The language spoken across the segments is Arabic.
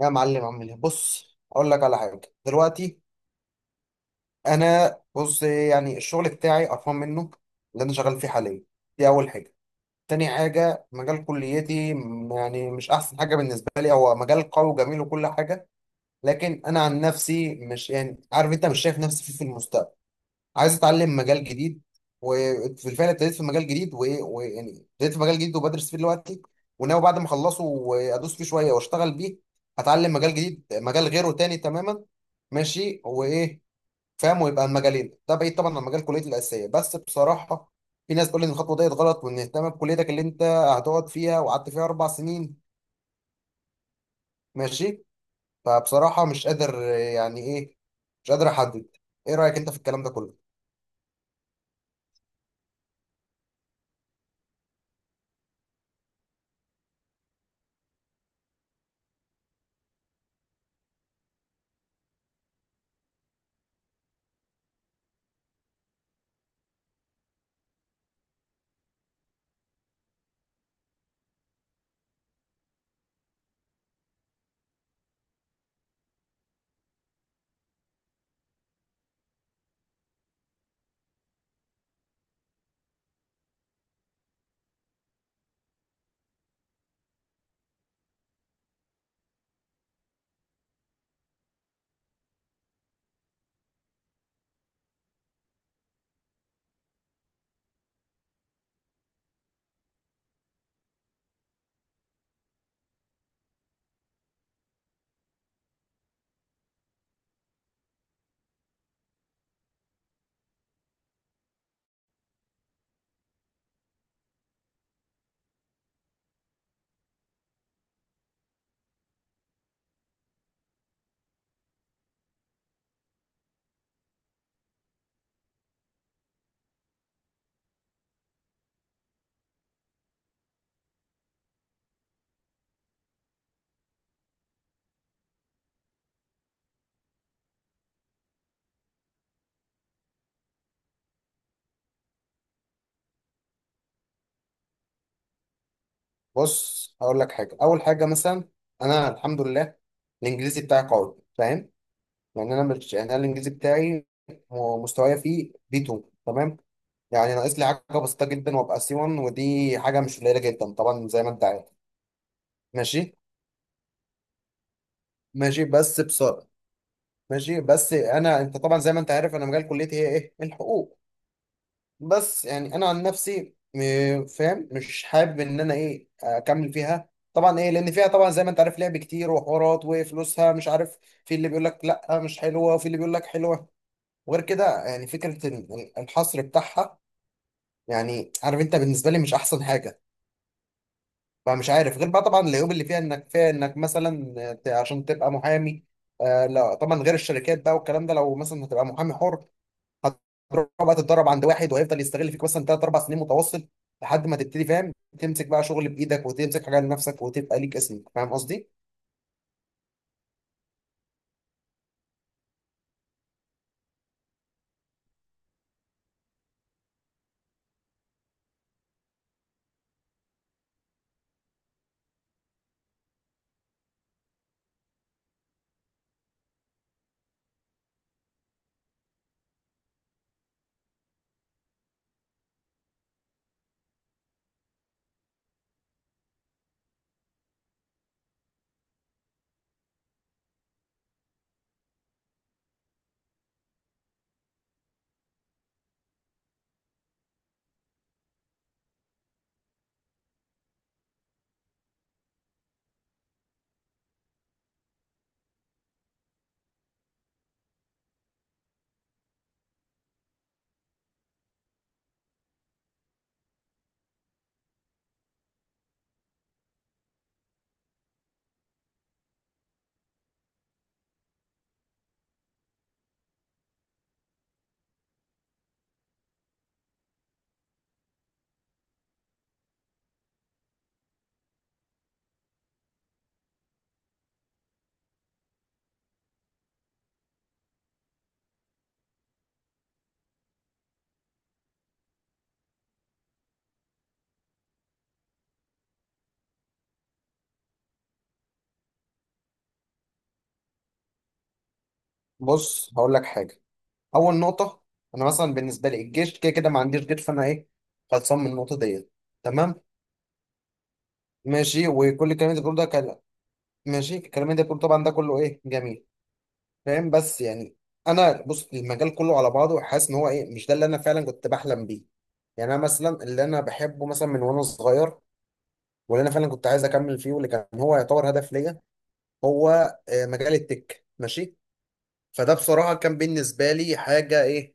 يا معلم، عامل ايه؟ بص اقول لك على حاجه دلوقتي. انا يعني الشغل بتاعي قرفان منه، اللي انا شغال فيه حاليا. دي اول حاجه. تاني حاجه مجال كليتي يعني مش احسن حاجه بالنسبه لي، هو مجال قوي وجميل وكل حاجه، لكن انا عن نفسي مش يعني عارف، انت مش شايف نفسي فيه في المستقبل. عايز اتعلم مجال جديد، وفي الفعل ابتديت في مجال جديد. وايه ويعني ابتديت في مجال جديد وبدرس فيه دلوقتي، وناوي بعد ما اخلصه وادوس فيه شويه واشتغل بيه. هتعلم مجال جديد، مجال غيره تاني تماما. ماشي وايه، فاهم؟ ويبقى المجالين ده بعيد طبعا عن مجال كليتي الاساسيه، بس بصراحه في ناس تقول لي ان الخطوه ديت غلط، وان اهتم بكليتك اللي انت هتقعد فيها وقعدت فيها اربع سنين. ماشي. فبصراحه مش قادر يعني ايه، مش قادر احدد. ايه رايك انت في الكلام ده كله؟ بص هقول لك حاجه. اول حاجه مثلا، انا الحمد لله الانجليزي بتاعي قوي، فاهم؟ يعني انا مش يعني انا الانجليزي بتاعي مستوايا فيه بي 2، تمام؟ يعني ناقص لي حاجه بسيطه جدا وابقى سي 1، ودي حاجه مش قليله جدا طبعا، زي ما انت عارف. ماشي. ماشي بس بصراحه، ماشي بس انا، انت طبعا زي ما انت عارف انا مجال كليتي هي ايه؟ الحقوق. بس يعني انا عن نفسي فاهم، مش حابب ان انا ايه اكمل فيها طبعا، ايه لان فيها طبعا زي ما انت عارف لعب كتير وحوارات وفلوسها مش عارف، في اللي بيقول لك لا مش حلوه وفي اللي بيقول لك حلوه. وغير كده يعني فكره الحصر بتاعها، يعني عارف انت بالنسبه لي مش احسن حاجه. فمش عارف، غير بقى طبعا العيوب اللي فيها، انك فيها انك مثلا عشان تبقى محامي، آه لا طبعا، غير الشركات بقى والكلام ده. لو مثلا هتبقى محامي حر، هتروح بقى تتدرب عند واحد، وهيفضل يستغل فيك مثلا ثلاث اربع سنين متواصل، لحد ما تبتدي، فاهم؟ تمسك بقى شغل بايدك وتمسك حاجه لنفسك وتبقى ليك اسمك. فاهم قصدي؟ بص هقول لك حاجه. اول نقطه، انا مثلا بالنسبه لي الجيش كده كده ما عنديش جيش، فانا ايه خلصان من النقطه ديت. تمام. ماشي، وكل الكلام اللي انت بتقوله ده كلام. ماشي، الكلام اللي انت بتقوله طبعا ده كله ايه جميل، فاهم؟ بس يعني انا بص، المجال كله على بعضه حاسس ان هو ايه مش ده اللي انا فعلا كنت بحلم بيه. يعني انا مثلا اللي انا بحبه مثلا من وانا صغير، واللي انا فعلا كنت عايز اكمل فيه، واللي كان هو يعتبر هدف ليا، هو مجال التك. ماشي. فده بصراحه كان بالنسبه لي حاجه ايه،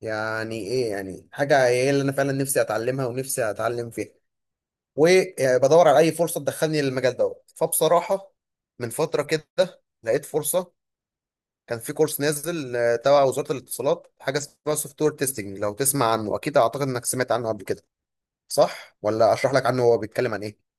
يعني ايه، يعني حاجه ايه اللي انا فعلا نفسي اتعلمها ونفسي اتعلم فيها. وبدور على اي فرصه تدخلني للمجال دوت. فبصراحه من فتره كده لقيت فرصه. كان في كورس نازل تبع وزاره الاتصالات، حاجه اسمها سوفت وير تيستنج. لو تسمع عنه اكيد، اعتقد انك سمعت عنه قبل كده، صح؟ ولا اشرح لك عنه هو بيتكلم عن ايه؟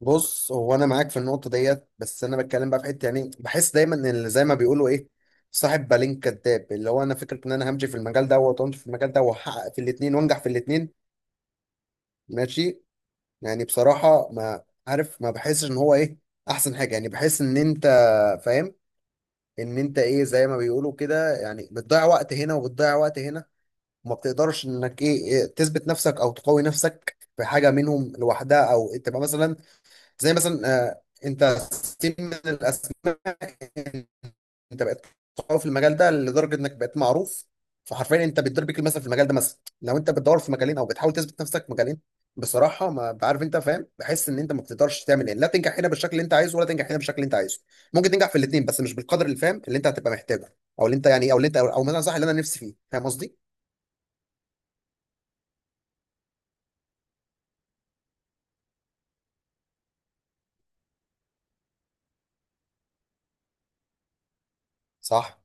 بص هو انا معاك في النقطه ديت، بس انا بتكلم بقى في حته. يعني بحس دايما ان اللي زي ما بيقولوا ايه، صاحب بالين كداب، اللي هو انا فكره ان انا همشي في المجال دوت وامشي في المجال ده، واحقق في الاثنين وانجح في الاثنين. ماشي. يعني بصراحه ما عارف، ما بحسش ان هو ايه احسن حاجه. يعني بحس ان انت فاهم، ان انت ايه زي ما بيقولوا كده، يعني بتضيع وقت هنا وبتضيع وقت هنا، وما بتقدرش انك ايه تثبت نفسك او تقوي نفسك في حاجه منهم لوحدها، او تبقى مثلا زي مثلا، انت سين من الاسماء، انت بقيت قوي في المجال ده لدرجه انك بقيت معروف، فحرفيا انت بتضرب بيك المثل في المجال ده. مثلا لو انت بتدور في مجالين او بتحاول تثبت نفسك في مجالين، بصراحه ما عارف، انت فاهم، بحس ان انت ما بتقدرش تعمل ايه، لا تنجح هنا بالشكل اللي انت عايزه، ولا تنجح هنا بالشكل اللي انت عايزه. ممكن تنجح في الاثنين، بس مش بالقدر اللي فاهم اللي انت هتبقى محتاجه، او اللي انت يعني، او اللي انت، او مثلا صح اللي انا نفسي فيه. فاهم قصدي؟ صح.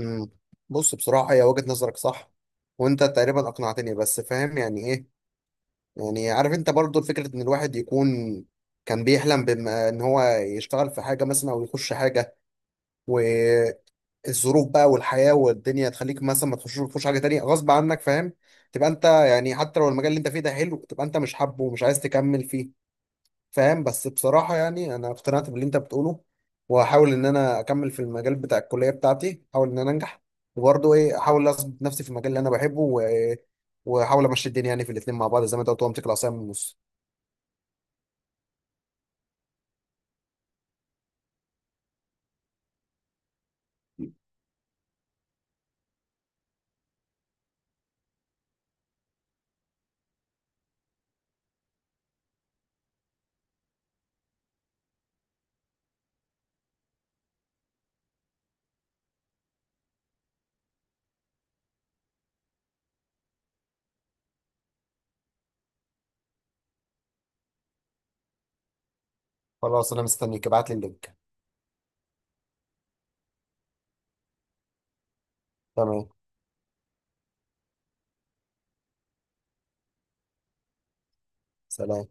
امم بص بصراحه هي وجهه نظرك صح، وانت تقريبا اقنعتني. بس فاهم يعني ايه، يعني عارف انت برضو فكرة ان الواحد يكون كان بيحلم بما ان هو يشتغل في حاجة مثلا او يخش حاجة، والظروف بقى والحياة والدنيا تخليك مثلا ما تخشش، تخش حاجة تانية غصب عنك، فاهم؟ تبقى انت يعني حتى لو المجال اللي انت فيه ده حلو، تبقى انت مش حابه ومش عايز تكمل فيه، فاهم؟ بس بصراحة يعني انا اقتنعت باللي انت بتقوله، وهحاول ان انا اكمل في المجال بتاع الكلية بتاعتي، احاول ان انا انجح، وبرضه ايه احاول اثبت نفسي في المجال اللي انا بحبه واحاول امشي الدنيا يعني في الاتنين مع بعض، زي ما انت قلت، وامسك العصاية من النص. خلاص انا مستنيك، ابعت لي اللينك. تمام. سلام.